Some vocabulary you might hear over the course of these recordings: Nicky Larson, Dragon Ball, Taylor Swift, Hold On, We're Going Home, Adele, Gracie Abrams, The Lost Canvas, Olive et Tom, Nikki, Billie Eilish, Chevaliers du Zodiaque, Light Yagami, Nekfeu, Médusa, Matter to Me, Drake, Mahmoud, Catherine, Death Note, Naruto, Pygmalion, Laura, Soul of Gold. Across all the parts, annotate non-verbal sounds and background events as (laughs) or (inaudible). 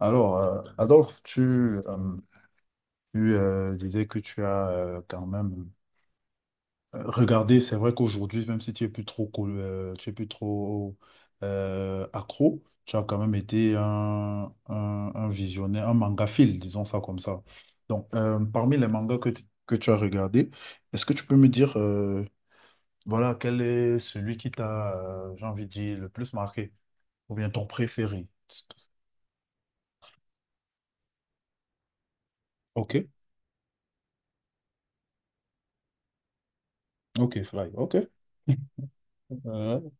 Alors, Adolphe, disais que tu as quand même regardé. C'est vrai qu'aujourd'hui, même si tu es plus trop, tu es plus trop accro, tu as quand même été un visionnaire, un mangaphile, disons ça comme ça. Donc, parmi les mangas que tu as regardés, est-ce que tu peux me dire, voilà, quel est celui qui t'a, j'ai envie de dire, le plus marqué, ou bien ton préféré? Ok, ok, fly, ok. (laughs)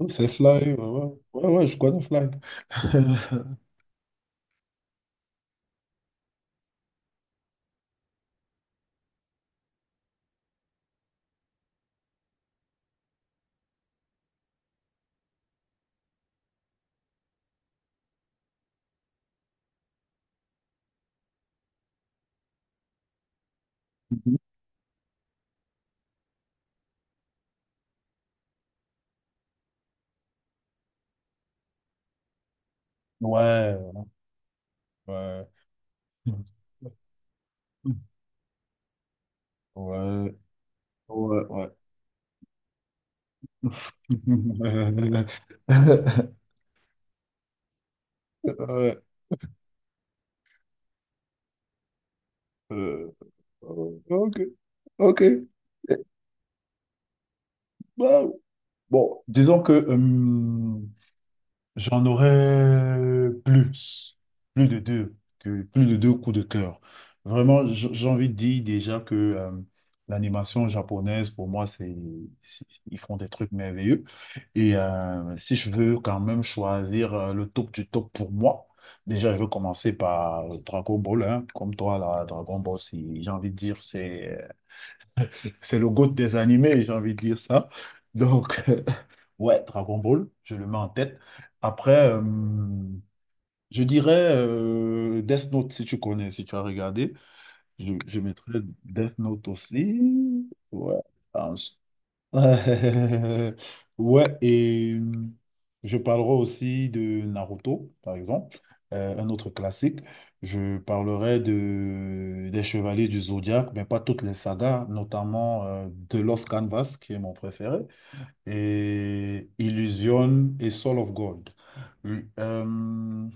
Oh, c'est Fly, ouais, ouais, ouais, ouais, je connais Fly. (laughs) Ouais, ouais, ouais, ouais, ouais. (laughs) Ouais, euh, ok, ok. Eh, bah, bon, disons que, j'en aurais plus, plus de deux coups de cœur. Vraiment, j'ai envie de dire déjà que l'animation japonaise, pour moi, c'est- ils font des trucs merveilleux. Et si je veux quand même choisir le top du top pour moi, déjà, je veux commencer par Dragon Ball, hein. Comme toi, là, j'ai envie de dire, c'est le GOAT des animés, j'ai envie de dire ça. Donc, (laughs) ouais, Dragon Ball, je le mets en tête. Après, je dirais Death Note, si tu connais, si tu as regardé. Je mettrais Death Note aussi. Ouais. Euh, (laughs) ouais, et je parlerai aussi de Naruto, par exemple, un autre classique. Je parlerai des Chevaliers du Zodiaque, mais pas toutes les sagas, notamment The Lost Canvas, qui est mon préféré, et Illusion et Soul of Gold. Euh,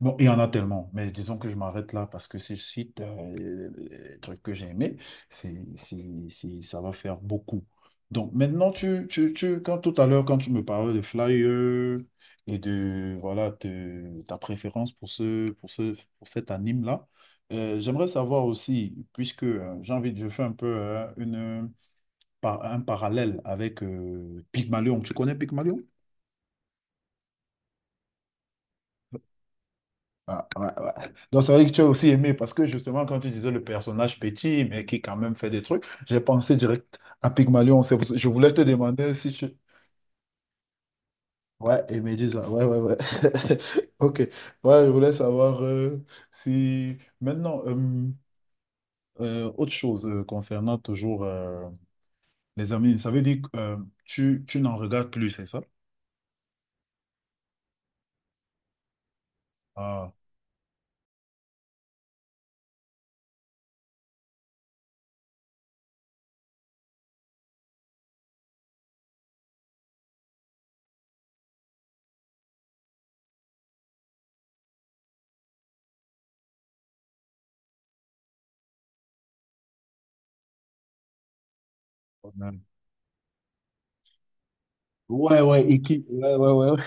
Bon, il y en a tellement, mais disons que je m'arrête là parce que si je cite les trucs que j'ai aimés, ça va faire beaucoup. Donc maintenant, quand tout à l'heure, quand tu me parlais de Flyer et de voilà ta préférence pour cet anime-là, j'aimerais savoir aussi, puisque j'ai envie de, je fais un peu un parallèle avec Pygmalion. Tu connais Pygmalion? Ah, ouais, ouais. Donc, c'est vrai que tu as aussi aimé parce que justement, quand tu disais le personnage petit, mais qui quand même fait des trucs, j'ai pensé direct à Pygmalion. Je voulais te demander si tu. Ouais, et Médusa. Ouais, ouais, ouais. (laughs) Ok. Ouais, je voulais savoir si. Maintenant, autre chose concernant toujours les amis, ça veut dire que tu n'en regardes plus, c'est ça? Ah, quand même. Ouais, ouais, et qui... ouais, ouais, ouais. Ouais.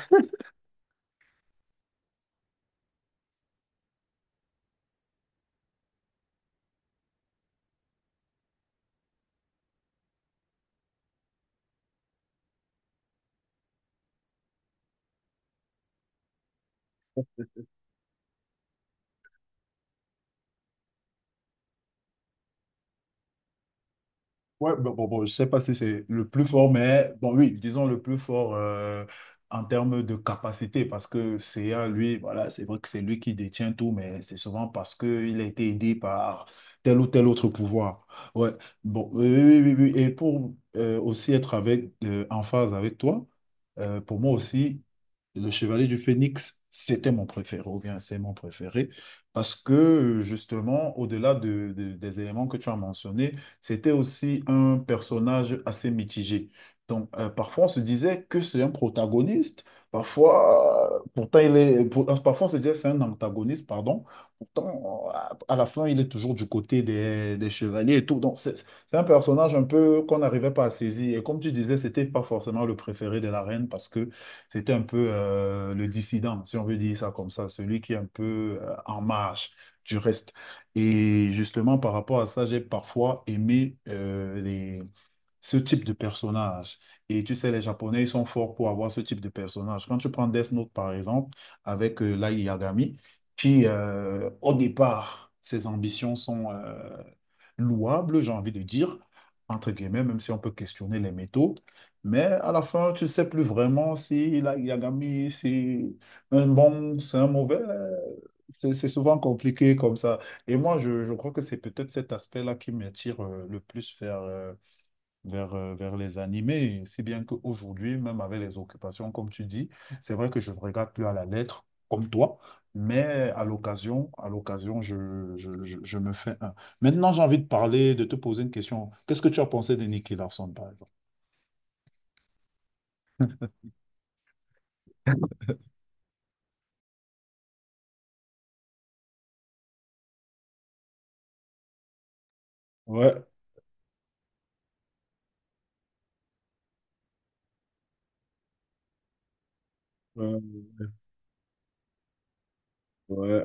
Ouais, bon, bon, bon, je sais pas si c'est le plus fort, mais bon, oui, disons le plus fort en termes de capacité, parce que CA, lui, voilà, c'est vrai que c'est lui qui détient tout, mais c'est souvent parce qu'il a été aidé par tel ou tel autre pouvoir. Ouais, bon, oui, oui, oui, oui. Oui, et pour aussi être avec, en phase avec toi, pour moi aussi, le Chevalier du Phénix, c'était mon préféré, ou bien c'est mon préféré, parce que justement, au-delà des éléments que tu as mentionnés, c'était aussi un personnage assez mitigé. Donc, parfois, on se disait que c'est un protagoniste, parfois, pourtant, il est, pour- parfois, on se disait que c'est un antagoniste, pardon, pourtant, à la fin, il est toujours du côté des chevaliers et tout. Donc, c'est un personnage un peu qu'on n'arrivait pas à saisir. Et comme tu disais, c'était pas forcément le préféré de la reine parce que c'était un peu le dissident, si on veut dire ça comme ça, celui qui est un peu en marge du reste. Et justement, par rapport à ça, j'ai parfois aimé ce type de personnage. Et tu sais, les Japonais, ils sont forts pour avoir ce type de personnage. Quand tu prends Death Note, par exemple, avec Lai Yagami, qui, au départ, ses ambitions sont louables, j'ai envie de dire, entre guillemets, même si on peut questionner les métaux. Mais à la fin, tu ne sais plus vraiment si Light Yagami, c'est un bon, c'est un mauvais. C'est souvent compliqué comme ça. Et moi, je crois que c'est peut-être cet aspect-là qui m'attire le plus vers les animés. Si bien qu'aujourd'hui, même avec les occupations, comme tu dis, c'est vrai que je ne regarde plus à la lettre, comme toi, mais à l'occasion, je me fais un. Maintenant, j'ai envie de parler, de te poser une question. Qu'est-ce que tu as pensé de Nicky Larson, par exemple? Ouais, euh, ouais.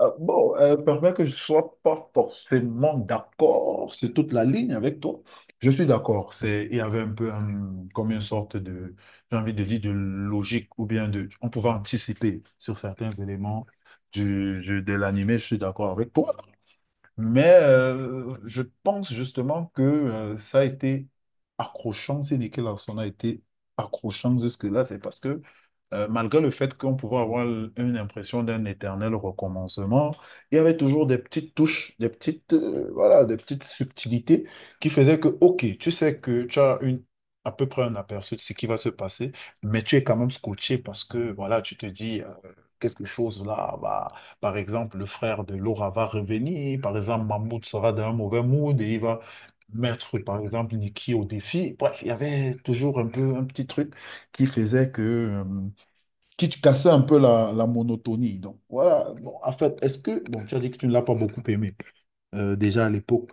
Bon, permets que je ne sois pas forcément d'accord sur toute la ligne avec toi. Je suis d'accord. C'est, il y avait un peu comme une sorte de, j'ai envie de dire, de logique ou bien de, on pouvait anticiper sur certains éléments de l'animé. Je suis d'accord avec toi. Mais je pense justement que ça a été accrochant, si Nicky Larson a été accrochant jusque-là, c'est parce que malgré le fait qu'on pouvait avoir une impression d'un éternel recommencement, il y avait toujours des petites touches, des petites, voilà, des petites subtilités qui faisaient que, ok, tu sais que tu as une, à peu près un aperçu de ce qui va se passer, mais tu es quand même scotché parce que, voilà, tu te dis quelque chose là, bah. Par exemple, le frère de Laura va revenir. Par exemple, Mahmoud sera dans un mauvais mood et il va mettre, par exemple, Nikki au défi. Bref, il y avait toujours un peu un petit truc qui faisait que, qui cassait un peu la monotonie. Donc, voilà. Bon, en fait, est-ce que, bon, tu as dit que tu ne l'as pas beaucoup aimé, déjà à l'époque.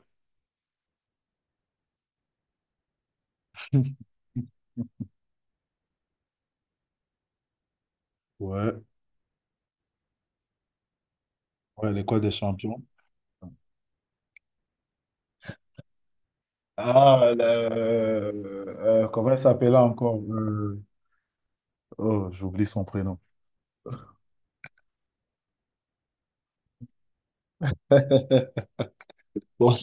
(laughs) Ouais, ouais, l'école des champions. Ah, comment elle s'appelait encore? Oh, j'oublie son prénom. (laughs) Bon,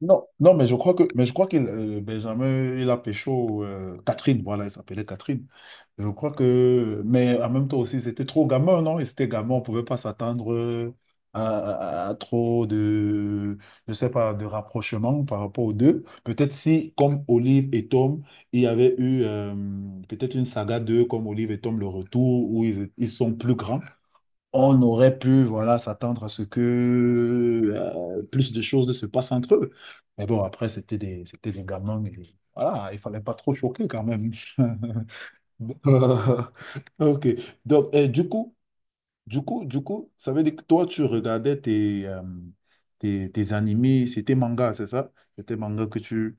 non, non, mais je crois que, mais je crois qu'il, Benjamin, il a pécho Catherine, voilà, il s'appelait Catherine. Je crois que, mais en même temps aussi, c'était trop gamin, non? Et c'était gamin, on pouvait pas s'attendre à, à trop de, je sais pas, de rapprochement par rapport aux deux. Peut-être si, comme Olive et Tom, il y avait eu peut-être une saga d'eux, comme Olive et Tom, le retour, où ils sont plus grands on aurait pu voilà, s'attendre à ce que plus de choses se passent entre eux. Mais bon, après, c'était des gamins. Et voilà, il fallait pas trop choquer quand même. (laughs) Euh, ok. Donc, et du coup, ça veut dire que toi, tu regardais tes, tes animés, c'était manga, c'est ça? C'était manga que tu...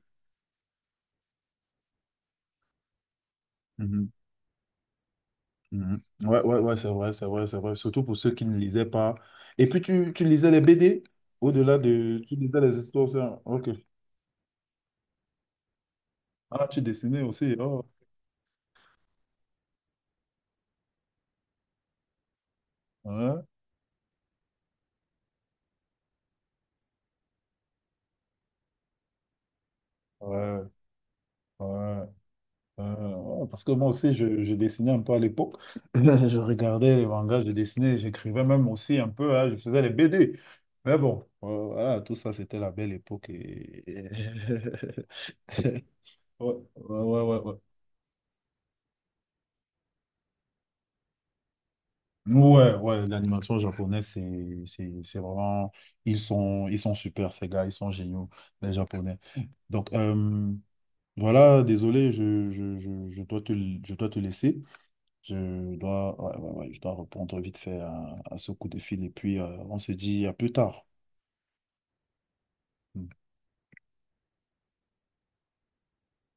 Mhm. Mhm. Ouais, ouais, ouais, c'est vrai, c'est vrai, c'est vrai. Surtout pour ceux qui ne lisaient pas. Et puis, tu lisais les BD au-delà de. Tu lisais les histoires, ça. Ok. Ah, tu dessinais aussi. Oh. Ouais, ouais, ouais, ouais. Ouais, parce que moi aussi, je dessinais un peu à l'époque. (laughs) Je regardais les mangas, je dessinais, j'écrivais même aussi un peu. Hein, je faisais les BD. Mais bon, voilà, tout ça, c'était la belle époque. Et... (laughs) ouais, ouais, ouais, ouais. Ouais. Ouais, ouais, l'animation japonaise, c'est vraiment, ils sont super, ces gars, ils sont géniaux, les Japonais. Donc, voilà, désolé, je dois te laisser. Je dois, ouais, ouais, ouais, je dois répondre vite fait à ce coup de fil et puis on se dit à plus tard.